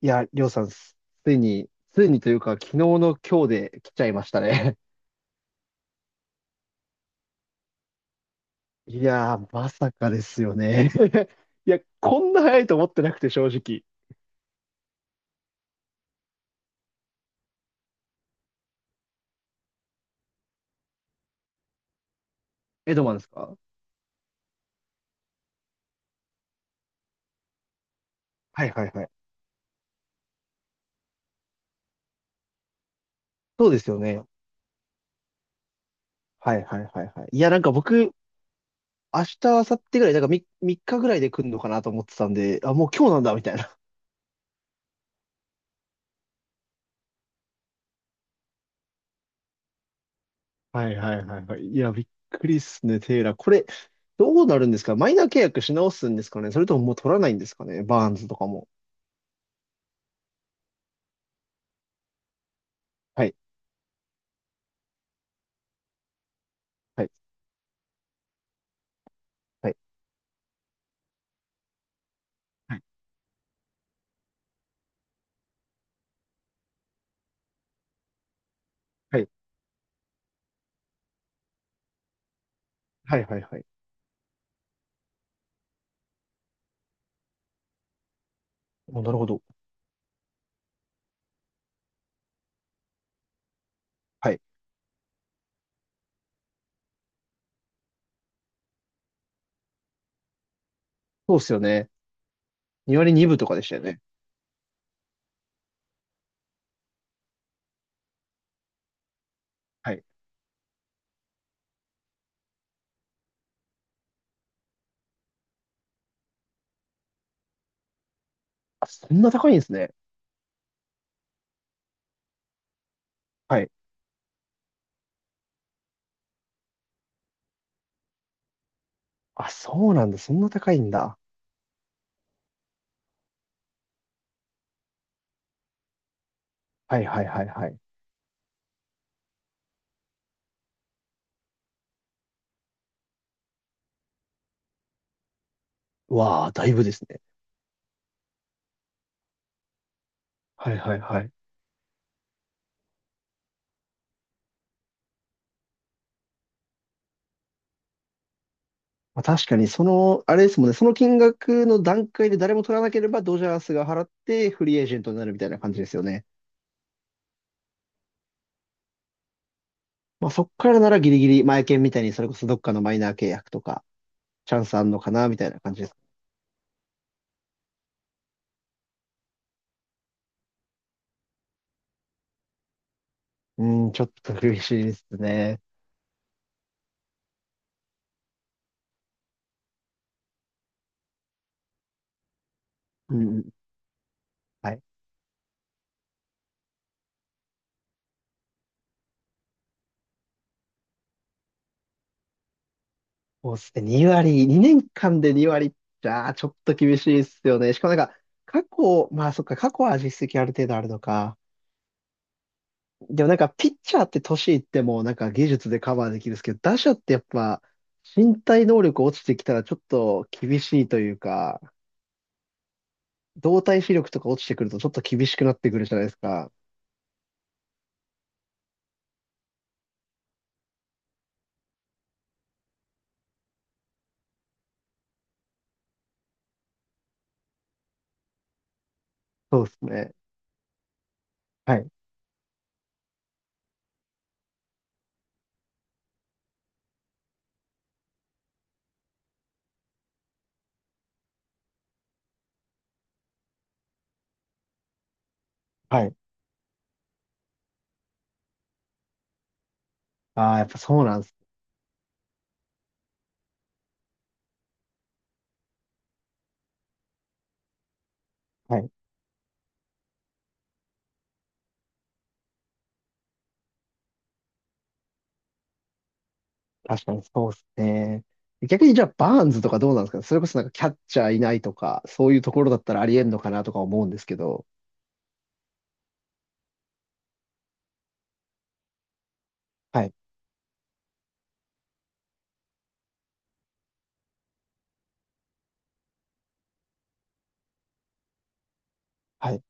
いや、りょうさん、ついに、ついにというか、昨日の今日で来ちゃいましたね。いやー、まさかですよね。いや、こんな早いと思ってなくて、正直。エドマンですか？はいはいはい。そうですよね。はいはいはいはい。いや、なんか僕、明日、明後日ぐらい、なんか3日ぐらいで来るのかなと思ってたんで、あ、もう今日なんだ、みたいな。はいはいはいはい。いや、びっくりっすね、テイラー。これ、どうなるんですか？マイナー契約し直すんですかね？それとももう取らないんですかね、バーンズとかも。はいはいはい。はいはいはいはいはい。お、なるほど。はい。そうっすよね。2割2分とかでしたよね。はい。あ、そんな高いんですね。はい。あ、そうなんだ。そんな高いんだ。はいはいはいはい。うわあ、だいぶですね。はいはいはい。まあ、確かに、その、あれですもんね。その金額の段階で誰も取らなければ、ドジャースが払ってフリーエージェントになるみたいな感じですよね。まあ、そっからならギリギリ、前券みたいに、それこそどっかのマイナー契約とか、チャンスあんのかな、みたいな感じです。うん、ちょっと苦しいですね。うんうん。はい。そうっすね。2割、2年間で2割。じゃああ、ちょっと厳しいっすよね。しかもなんか、過去、まあそっか、過去は実績ある程度あるのか。でもなんか、ピッチャーって年いってもなんか技術でカバーできるんですけど、打者ってやっぱ、身体能力落ちてきたらちょっと厳しいというか、動体視力とか落ちてくるとちょっと厳しくなってくるじゃないですか。そうですね。はい。はい。ああ、やっぱそうなんです。はい。確かにそうですね。逆にじゃあ、バーンズとかどうなんですか？それこそなんかキャッチャーいないとか、そういうところだったらありえんのかなとか思うんですけど。はい、はい。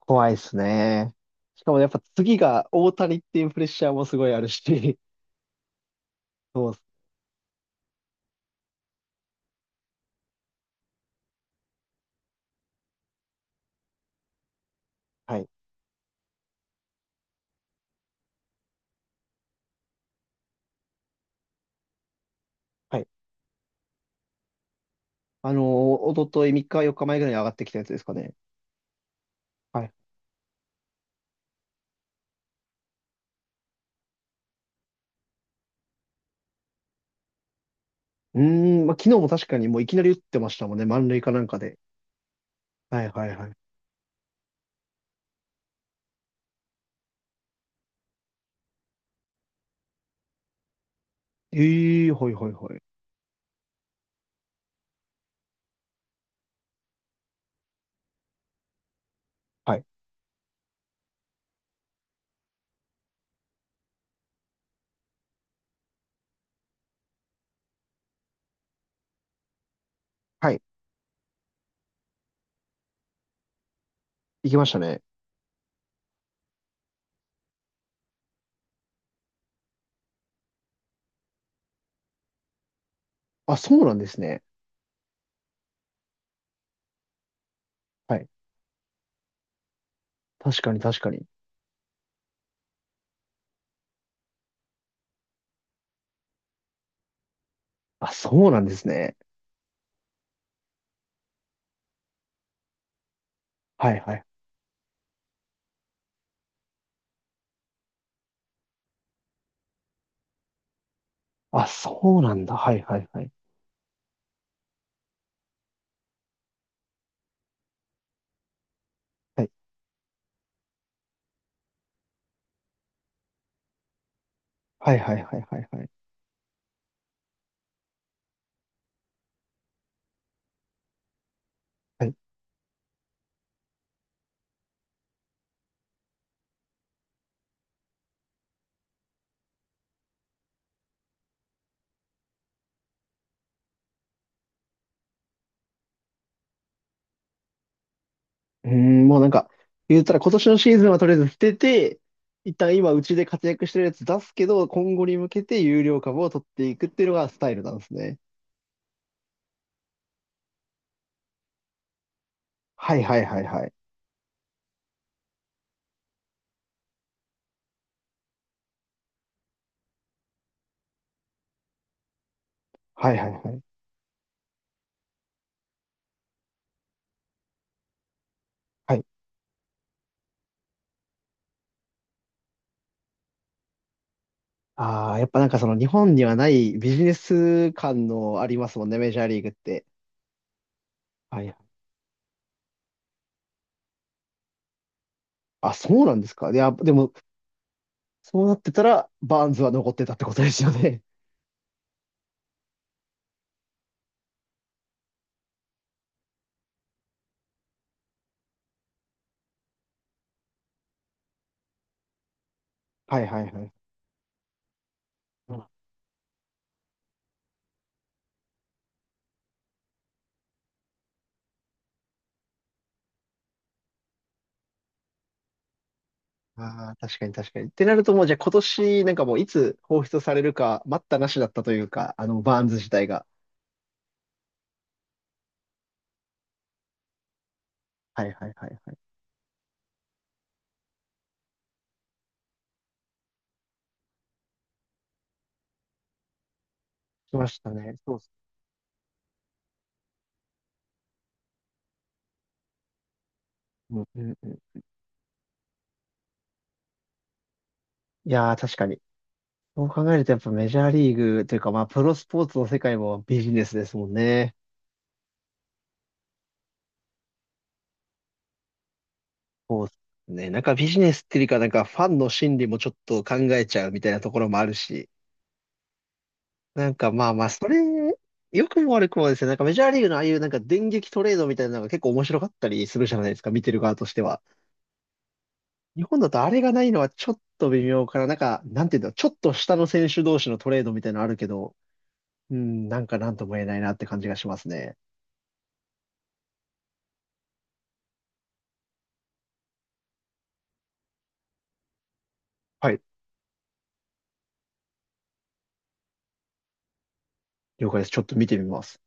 怖いですね。しかもやっぱ次が大谷っていうプレッシャーもすごいあるし。そうっす。はい、はい。おととい3日、4日前ぐらいに上がってきたやつですかね。はい。うーん、まあ、昨日も確かにもういきなり打ってましたもんね。満塁かなんかで。はいはいはい。ええー、はいはいはい。はい。はい。行きましたね。あ、そうなんですね。はい。確かに確かに。あ、そうなんですね。はいはい。あ、そうなんだ。はいはいはい。はい。はいはいはいはいはい。はい。うーん、もうなんか、言ったら今年のシーズンはとりあえず捨てて、一旦今うちで活躍してるやつ出すけど、今後に向けて有料株を取っていくっていうのがスタイルなんですね。はいはいはいはい。はいはいはい。はい。ああ、やっぱなんかその日本にはないビジネス感のありますもんね、メジャーリーグって。はい。あ、そうなんですか。いや、でも、そうなってたら、バーンズは残ってたってことですよね。はいはいはい。ああ、確かに確かに。ってなるともうじゃあ今年なんかもういつ放出されるか待ったなしだったというか、あのバーンズ自体が。はいはいはいはい。来ましたね。そうっす。うんうんうん。いやー確かに。そう考えるとやっぱメジャーリーグというかまあプロスポーツの世界もビジネスですもんね。そうっすね。なんかビジネスっていうかなんかファンの心理もちょっと考えちゃうみたいなところもあるし。なんかまあまあそれ、良くも悪くもですね。なんかメジャーリーグのああいうなんか電撃トレードみたいなのが結構面白かったりするじゃないですか。見てる側としては。日本だとあれがないのはちょっと微妙かな。なんか、なんていうんだろう、ちょっと下の選手同士のトレードみたいなのあるけど、うん、なんかなんとも言えないなって感じがしますね。はい、了解です。ちょっと見てみます。